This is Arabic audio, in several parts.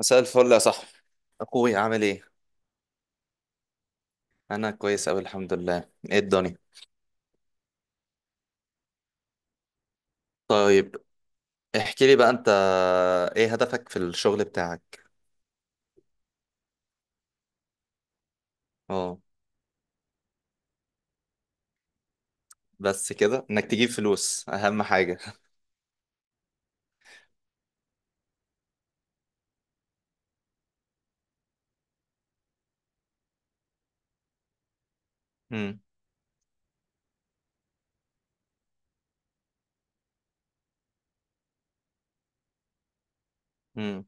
مساء الفل يا صاحبي. اخوي عامل ايه؟ انا كويس اوي الحمد لله. ايه الدنيا؟ طيب، احكي لي بقى انت، ايه هدفك في الشغل بتاعك؟ اه، بس كده انك تجيب فلوس اهم حاجه؟ امم امم.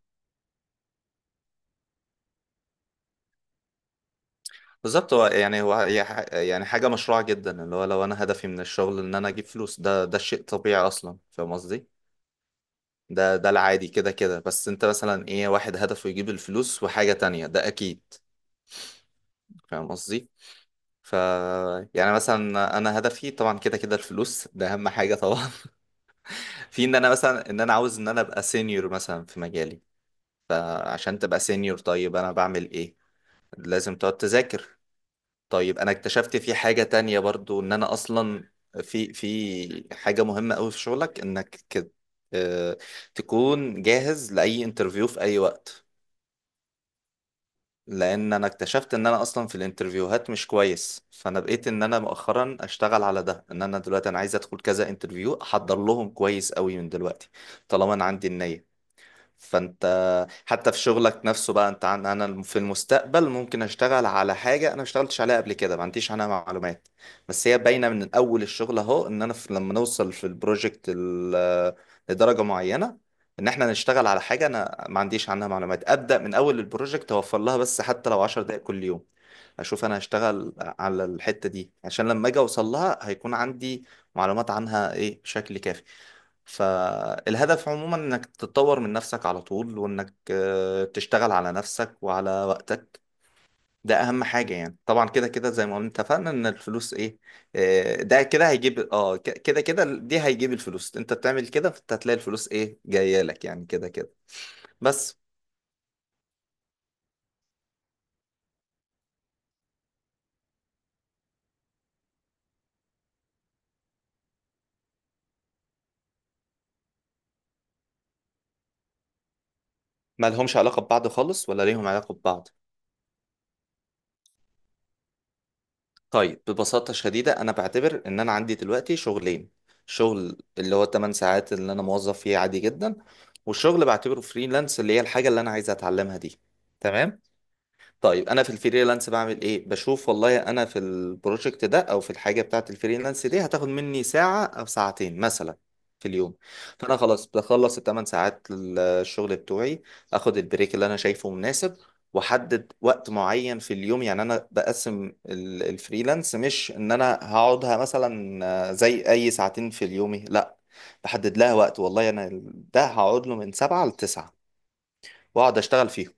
بالظبط، هو يعني يعني حاجه مشروعه جدا، اللي هو لو انا هدفي من الشغل ان انا اجيب فلوس، ده شيء طبيعي اصلا، فاهم قصدي؟ ده العادي كده كده، بس انت مثلا ايه؟ واحد هدفه يجيب الفلوس وحاجه تانية، ده اكيد. فاهم قصدي؟ ف يعني مثلا انا هدفي طبعا كده كده الفلوس، ده اهم حاجه طبعا. في ان انا مثلا ان انا عاوز ان انا ابقى سينيور مثلا في مجالي. فعشان تبقى سينيور، طيب انا بعمل ايه؟ لازم تقعد تذاكر. طيب انا اكتشفت في حاجه تانية برضو، ان انا اصلا في حاجه مهمه قوي في شغلك، انك كده آه، تكون جاهز لاي انترفيو في اي وقت. لان انا اكتشفت ان انا اصلا في الانترفيوهات مش كويس، فانا بقيت ان انا مؤخرا اشتغل على ده، ان انا دلوقتي انا عايز ادخل كذا انترفيو، احضر لهم كويس قوي من دلوقتي طالما انا عندي النية. فانت حتى في شغلك نفسه بقى انت، عن انا في المستقبل ممكن اشتغل على حاجه انا ما اشتغلتش عليها قبل كده، ما عنديش عنها معلومات، بس هي باينه من اول الشغل اهو، ان انا في لما نوصل في لدرجه معينه ان احنا نشتغل على حاجه انا ما عنديش عنها معلومات ابدا، من اول البروجكت اوفر لها بس حتى لو 10 دقائق كل يوم اشوف انا هشتغل على الحته دي، عشان لما اجي اوصل لها هيكون عندي معلومات عنها ايه بشكل كافي. فالهدف عموما انك تتطور من نفسك على طول، وانك تشتغل على نفسك وعلى وقتك. ده اهم حاجة يعني. طبعا كده كده زي ما قلنا اتفقنا ان الفلوس ايه، ده كده هيجيب كده كده دي هيجيب الفلوس. انت بتعمل كده فانت هتلاقي الفلوس ايه، جاية لك يعني كده كده. بس ما لهمش علاقة ببعض خالص، ولا ليهم علاقة ببعض؟ طيب، ببساطة شديدة أنا بعتبر إن أنا عندي دلوقتي شغلين، شغل اللي هو 8 ساعات اللي أنا موظف فيه عادي جدا، والشغل بعتبره فريلانس اللي هي الحاجة اللي أنا عايز أتعلمها دي. تمام. طيب انا في الفريلانس بعمل ايه؟ بشوف والله انا في البروجكت ده او في الحاجه بتاعه الفريلانس دي هتاخد مني ساعه او ساعتين مثلا في اليوم، فانا خلاص بخلص الثمان ساعات الشغل بتوعي، اخد البريك اللي انا شايفه مناسب، واحدد وقت معين في اليوم. يعني انا بقسم الفريلانس، مش ان انا هقعدها مثلا زي اي ساعتين في اليومي، لا، بحدد لها وقت، والله انا ده هقعد له من سبعة لتسعة واقعد اشتغل فيهم.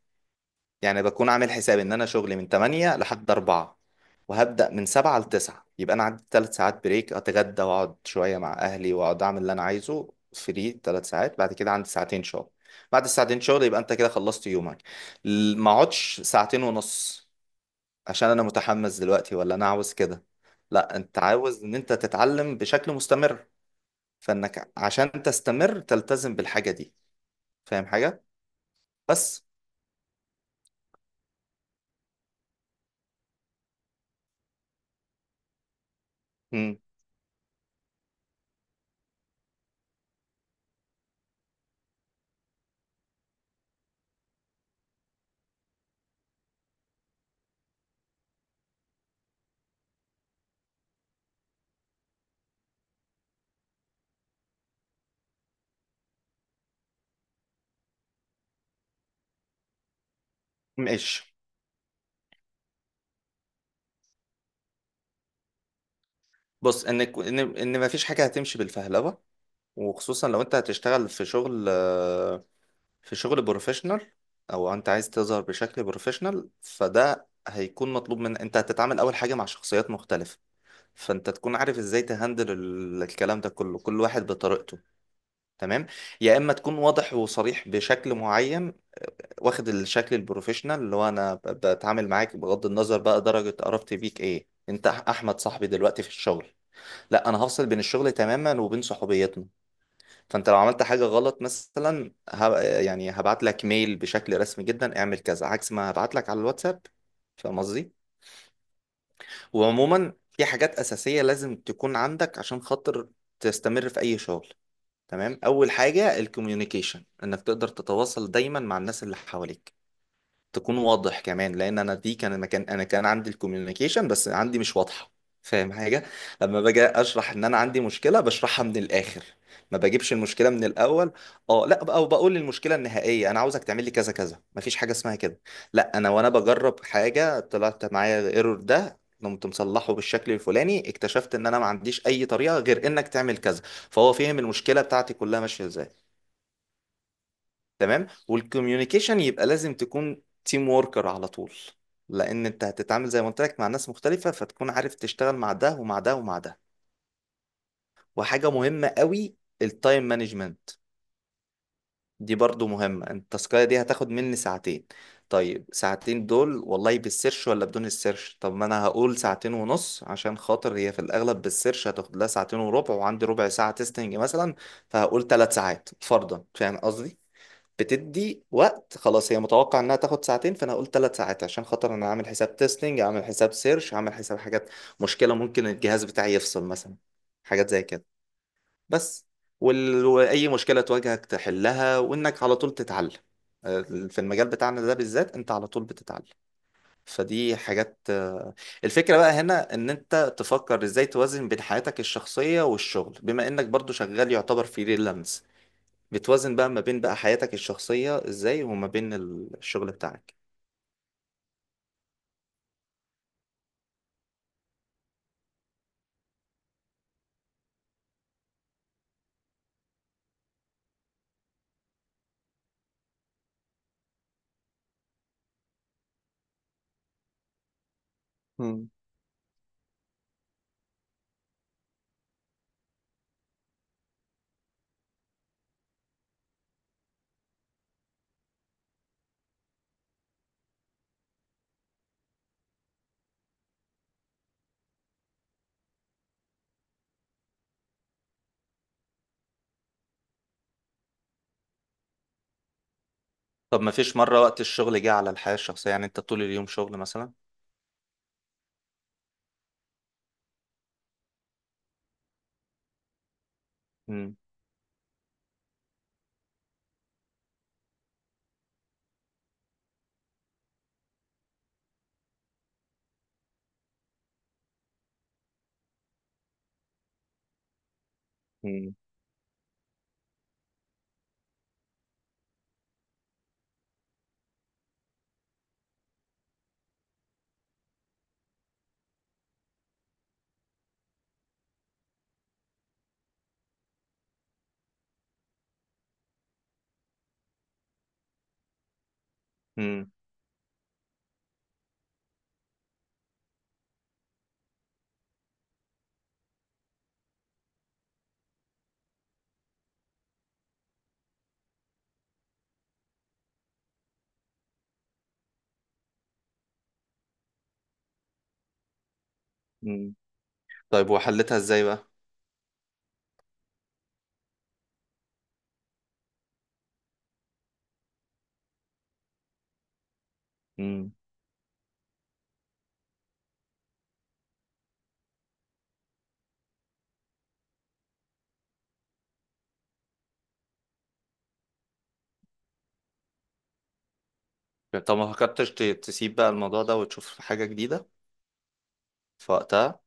يعني بكون عامل حساب ان انا شغلي من 8 لحد 4، وهبدأ من 7 ل 9، يبقى انا عندي 3 ساعات بريك اتغدى واقعد شوية مع اهلي واقعد اعمل اللي انا عايزه فري 3 ساعات، بعد كده عندي ساعتين شغل. بعد الساعتين شغل يبقى انت كده خلصت يومك. ما اقعدش ساعتين ونص عشان انا متحمس دلوقتي، ولا انا عاوز كده، لا، انت عاوز ان انت تتعلم بشكل مستمر، فانك عشان تستمر تلتزم بالحاجة دي. فاهم حاجة؟ بس. مم. ماشي. بص، ان كو- ان ان ما فيش حاجه هتمشي بالفهلوه، وخصوصا لو انت هتشتغل في شغل في شغل بروفيشنال، او انت عايز تظهر بشكل بروفيشنال، فده هيكون مطلوب. من انت هتتعامل اول حاجه مع شخصيات مختلفه، فانت تكون عارف ازاي تهندل الكلام ده كله، كل واحد بطريقته. تمام، يا اما تكون واضح وصريح بشكل معين، واخد الشكل البروفيشنال اللي هو انا بتعامل معاك بغض النظر بقى درجه قرابتي بيك ايه. انت احمد صاحبي، دلوقتي في الشغل لا، انا هفصل بين الشغل تماما وبين صحوبيتنا. فانت لو عملت حاجه غلط مثلا يعني هبعت لك ميل بشكل رسمي جدا اعمل كذا، عكس ما هبعت لك على الواتساب. فاهم قصدي؟ وعموما في حاجات اساسيه لازم تكون عندك عشان خاطر تستمر في اي شغل. تمام، اول حاجه الكوميونيكيشن، انك تقدر تتواصل دايما مع الناس اللي حواليك، تكون واضح كمان. لان انا دي كان مكان انا كان عندي الكوميونيكيشن بس عندي مش واضحه. فاهم حاجه؟ لما باجي اشرح ان انا عندي مشكله، بشرحها من الاخر، ما بجيبش المشكله من الاول. اه لا، او بقول المشكله النهائيه انا عاوزك تعمل لي كذا كذا، مفيش حاجه اسمها كده، لا، انا وانا بجرب حاجه طلعت معايا ايرور، ده قمت مصلحه بالشكل الفلاني، اكتشفت ان انا ما عنديش اي طريقه غير انك تعمل كذا، فهو فهم المشكله بتاعتي كلها ماشيه ازاي. تمام، والكوميونيكيشن. يبقى لازم تكون تيم ووركر على طول، لان انت هتتعامل زي ما قلت لك مع ناس مختلفة، فتكون عارف تشتغل مع ده ومع ده ومع ده. وحاجة مهمة قوي، التايم مانجمنت، دي برضو مهمة. انت التاسكاية دي هتاخد مني ساعتين، طيب ساعتين دول والله بالسيرش ولا بدون السيرش؟ طب ما انا هقول ساعتين ونص عشان خاطر هي في الاغلب بالسيرش هتاخد لها ساعتين وربع، وعندي ربع ساعة تيستنج مثلا، فهقول ثلاث ساعات فرضا. فاهم قصدي؟ بتدي وقت خلاص، هي متوقع انها تاخد ساعتين فانا هقول ثلاث ساعات عشان خاطر انا عامل حساب تيستنج، عامل حساب سيرش، عامل حساب حاجات، مشكلة ممكن الجهاز بتاعي يفصل مثلا، حاجات زي كده. بس. وال- واي مشكلة تواجهك تحلها، وانك على طول تتعلم. في المجال بتاعنا ده بالذات انت على طول بتتعلم. فدي حاجات. الفكرة بقى هنا ان انت تفكر ازاي توازن بين حياتك الشخصية والشغل، بما انك برضو شغال يعتبر فريلانس، بتوازن بقى ما بين بقى حياتك الشخصية ازاي، وما بين الشغل بتاعك. مم. طب ما فيش مرة وقت الشغل جه على الحياة الشخصية، يعني انت طول اليوم شغل مثلا؟ مم. مم. مم. مم. طيب، وحلتها ازاي بقى؟ مم. طب ما فكرتش تسيب بقى الموضوع ده وتشوف حاجة جديدة؟ في وقتها.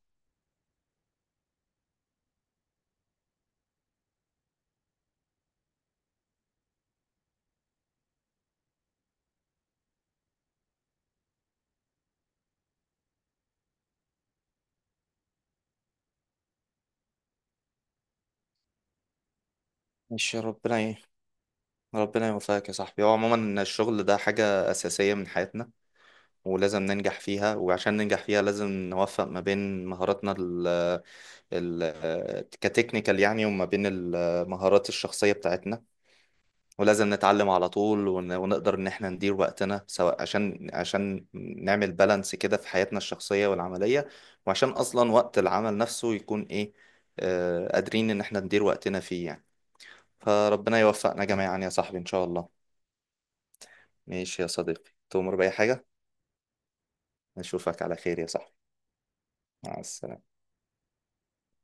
ماشي، ربنا ايه، ربنا يوفقك يا صاحبي. هو عموما إن الشغل ده حاجة أساسية من حياتنا، ولازم ننجح فيها، وعشان ننجح فيها لازم نوفق ما بين مهاراتنا كتكنيكال يعني، وما بين المهارات الشخصية بتاعتنا، ولازم نتعلم على طول، ون- ونقدر ان احنا ندير وقتنا سواء عشان عشان نعمل بالانس كده في حياتنا الشخصية والعملية، وعشان اصلا وقت العمل نفسه يكون ايه، قادرين ان احنا ندير وقتنا فيه يعني. فربنا يوفقنا جميعا يا صاحبي ان شاء الله. ماشي يا صديقي، تؤمر بأي حاجة. نشوفك على خير يا صاحبي. مع السلامة.